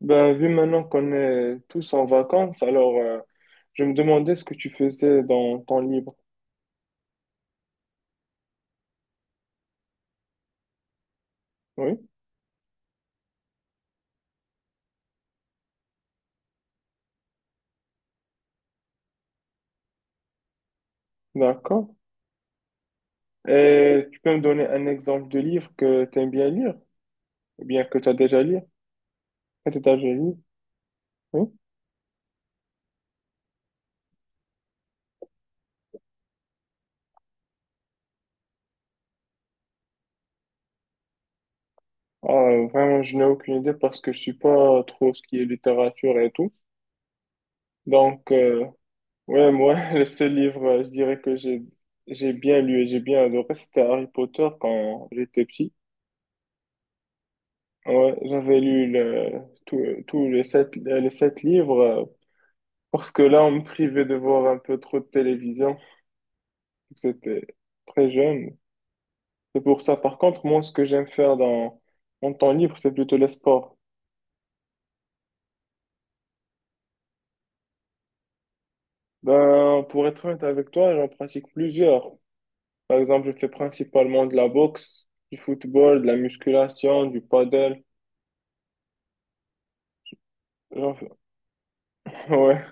Ben, vu maintenant qu'on est tous en vacances, alors je me demandais ce que tu faisais dans ton livre. Oui, d'accord. Et tu peux me donner un exemple de livre que tu aimes bien lire, ou bien que tu as déjà lu, que tu as déjà lu. Oui. Ah, vraiment, je n'ai aucune idée parce que je suis pas trop ce qui est littérature et tout. Donc, ouais, moi, le seul livre, je dirais que j'ai bien lu et j'ai bien adoré, c'était Harry Potter quand j'étais petit. Ouais, j'avais lu tout les sept livres parce que là, on me privait de voir un peu trop de télévision. C'était très jeune. C'est pour ça. Par contre, moi, ce que j'aime faire dans mon temps libre, c'est plutôt les sports. Ben, pour être honnête avec toi, j'en pratique plusieurs. Par exemple, je fais principalement de la boxe, du football, de la musculation, du paddle. J'en fais- Ouais,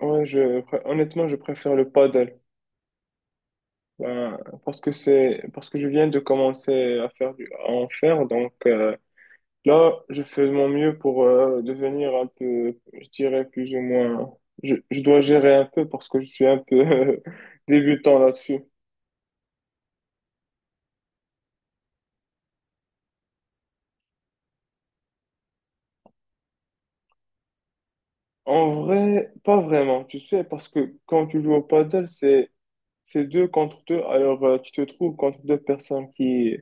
ouais, je, honnêtement, je préfère le paddle. Ben, parce que je viens de commencer à faire à en faire donc là je fais de mon mieux pour devenir un peu je dirais plus ou moins je dois gérer un peu parce que je suis un peu débutant là-dessus. En vrai, pas vraiment, tu sais, parce que quand tu joues au paddle, c'est 2 contre 2, alors tu te trouves contre deux personnes qui,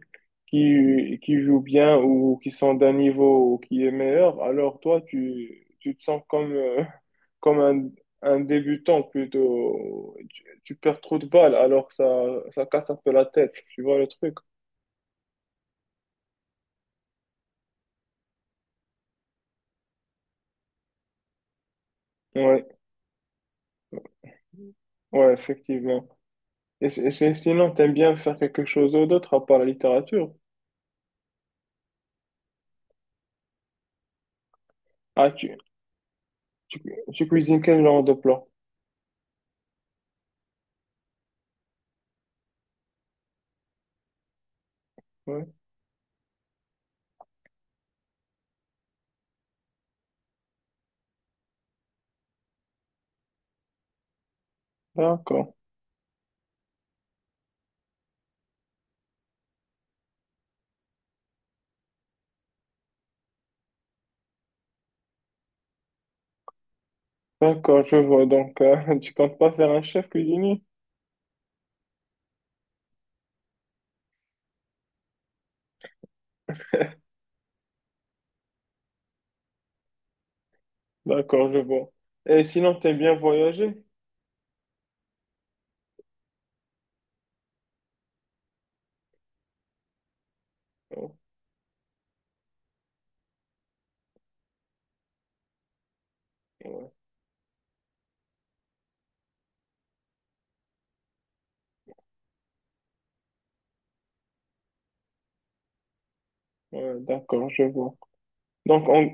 qui, qui jouent bien ou qui sont d'un niveau ou qui est meilleur, alors toi, tu te sens comme, comme un débutant plutôt. Tu perds trop de balles, alors que ça casse un peu la tête, tu vois le truc? Ouais, ouais, effectivement. Et, sinon, t'aimes bien faire quelque chose d'autre à part la littérature? Ah, tu, tu cuisines quel genre de plat? Ouais, d'accord. D'accord, je vois. Donc, tu comptes pas faire un chef cuisinier? D'accord, je vois. Et sinon, t'aimes bien voyager? Oh, ouais, ouais, d'accord, je vois. Donc,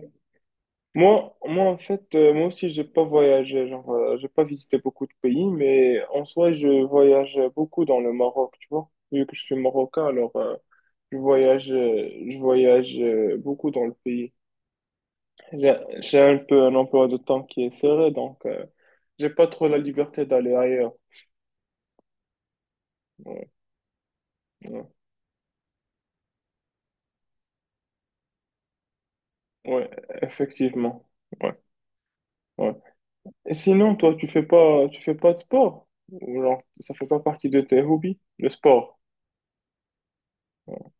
moi, en fait, moi aussi, j'ai pas voyagé. Genre, j'ai pas visité beaucoup de pays, mais en soi, je voyage beaucoup dans le Maroc, tu vois. Vu que je suis marocain, alors, je voyage beaucoup dans le pays. J'ai un peu un emploi de temps qui est serré, donc, j'ai pas trop la liberté d'aller ailleurs. Ouais. Ouais. Ouais, effectivement. Ouais, ouais. Et sinon, toi, tu fais pas de sport? Ou genre, ça fait pas partie de tes hobbies, le sport? Ouais.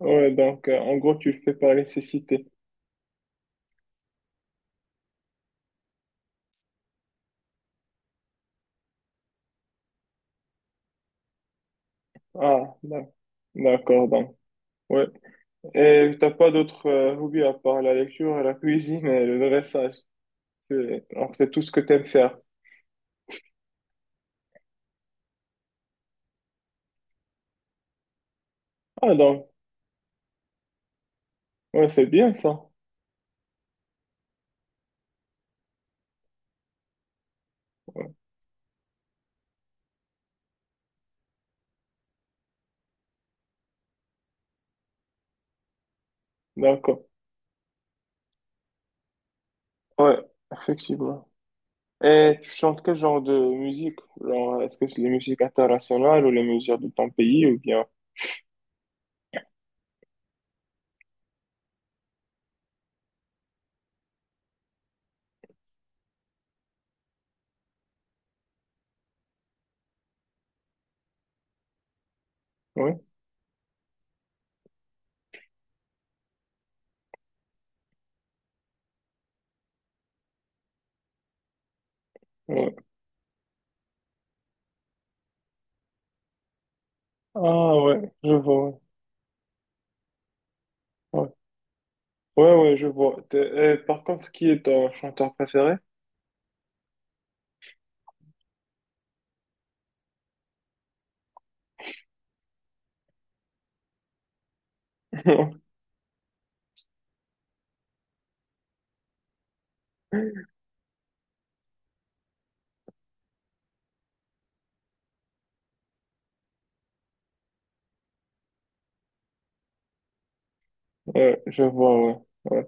Ouais, donc, en gros, tu le fais par nécessité. Ah, d'accord, donc. Ouais. Et t'as pas d'autres hobbies à part la lecture, la cuisine et le dressage. Alors, c'est tout ce que t'aimes faire. Ah, donc, ouais, c'est bien ça. Ouais, d'accord. Ouais, effectivement. Et tu chantes quel genre de musique? Genre, est-ce que c'est les musiques internationales ou les musiques de ton pays ou bien... Oui, ouais. Ah ouais, je vois. Ouais, ouais. Ouais, ouais, je vois. T'es- par contre, qui est ton chanteur préféré? Ouais, je vois, ouais. Ouais.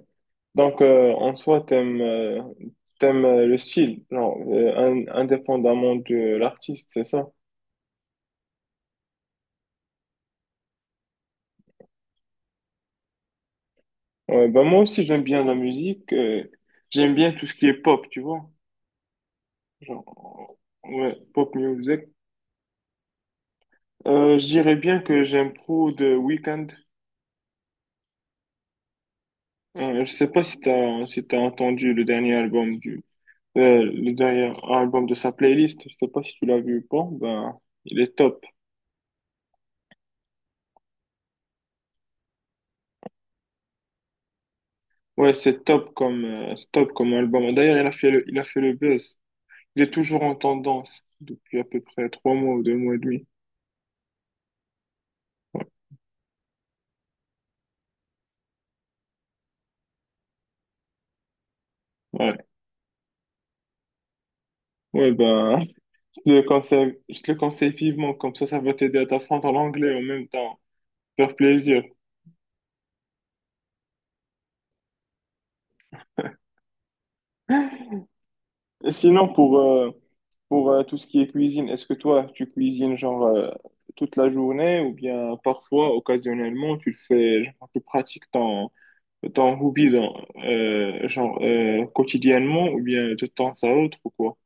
Donc, en soi, t'aimes le style, non, indépendamment de l'artiste, c'est ça? Ouais, bah moi aussi, j'aime bien la musique. J'aime bien tout ce qui est pop, tu vois. Genre, ouais, pop music. Je dirais bien que j'aime trop The Weeknd. Je sais pas si t'as entendu le dernier album du le dernier album de sa playlist. Je sais pas si tu l'as vu ou pas. Ben, il est top. Ouais, c'est top comme album. D'ailleurs, il a fait le buzz. Il est toujours en tendance depuis à peu près 3 mois ou 2 mois et demi. Ouais. Ouais, bah, je te le conseille vivement. Comme ça va t'aider à t'apprendre l'anglais en même temps. Faire plaisir. Et sinon, pour tout ce qui est cuisine, est-ce que toi, tu cuisines genre toute la journée ou bien parfois, occasionnellement, tu le fais, genre, tu pratiques ton hobby dans, genre, quotidiennement ou bien de temps à autre ou quoi?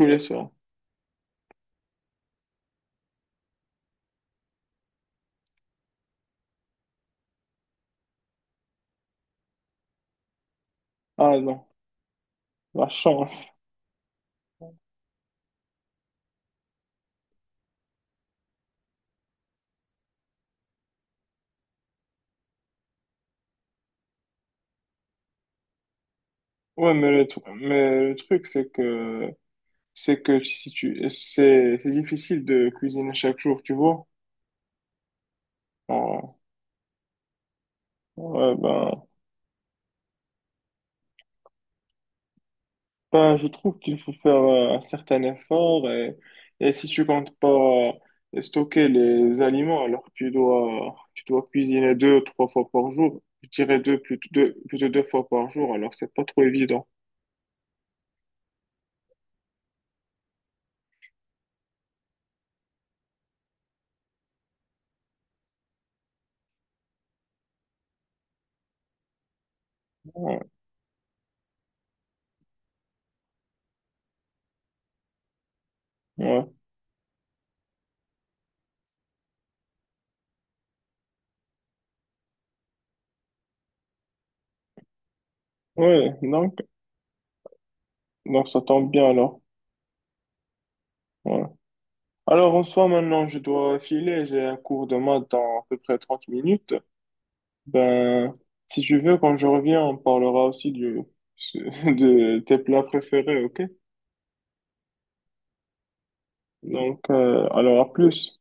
Oui, bien sûr. Ah non, la chance. Ouais, mais le truc, c'est que si tu, c'est difficile de cuisiner chaque jour, tu vois. Euh, ouais, ben, je trouve qu'il faut faire un certain effort et si tu comptes pas stocker les aliments, alors tu dois cuisiner 2, 3 fois par jour. Je dirais deux, plutôt deux, plutôt 2 fois par jour, alors c'est pas trop évident. Ouais, ouais, ouais, donc ça tombe bien alors. Ouais. Alors, en soi, maintenant, je dois filer. J'ai un cours de maths dans à peu près 30 minutes. Ben, si tu veux, quand je reviens, on parlera aussi de tes plats préférés, ok? Donc, alors à plus.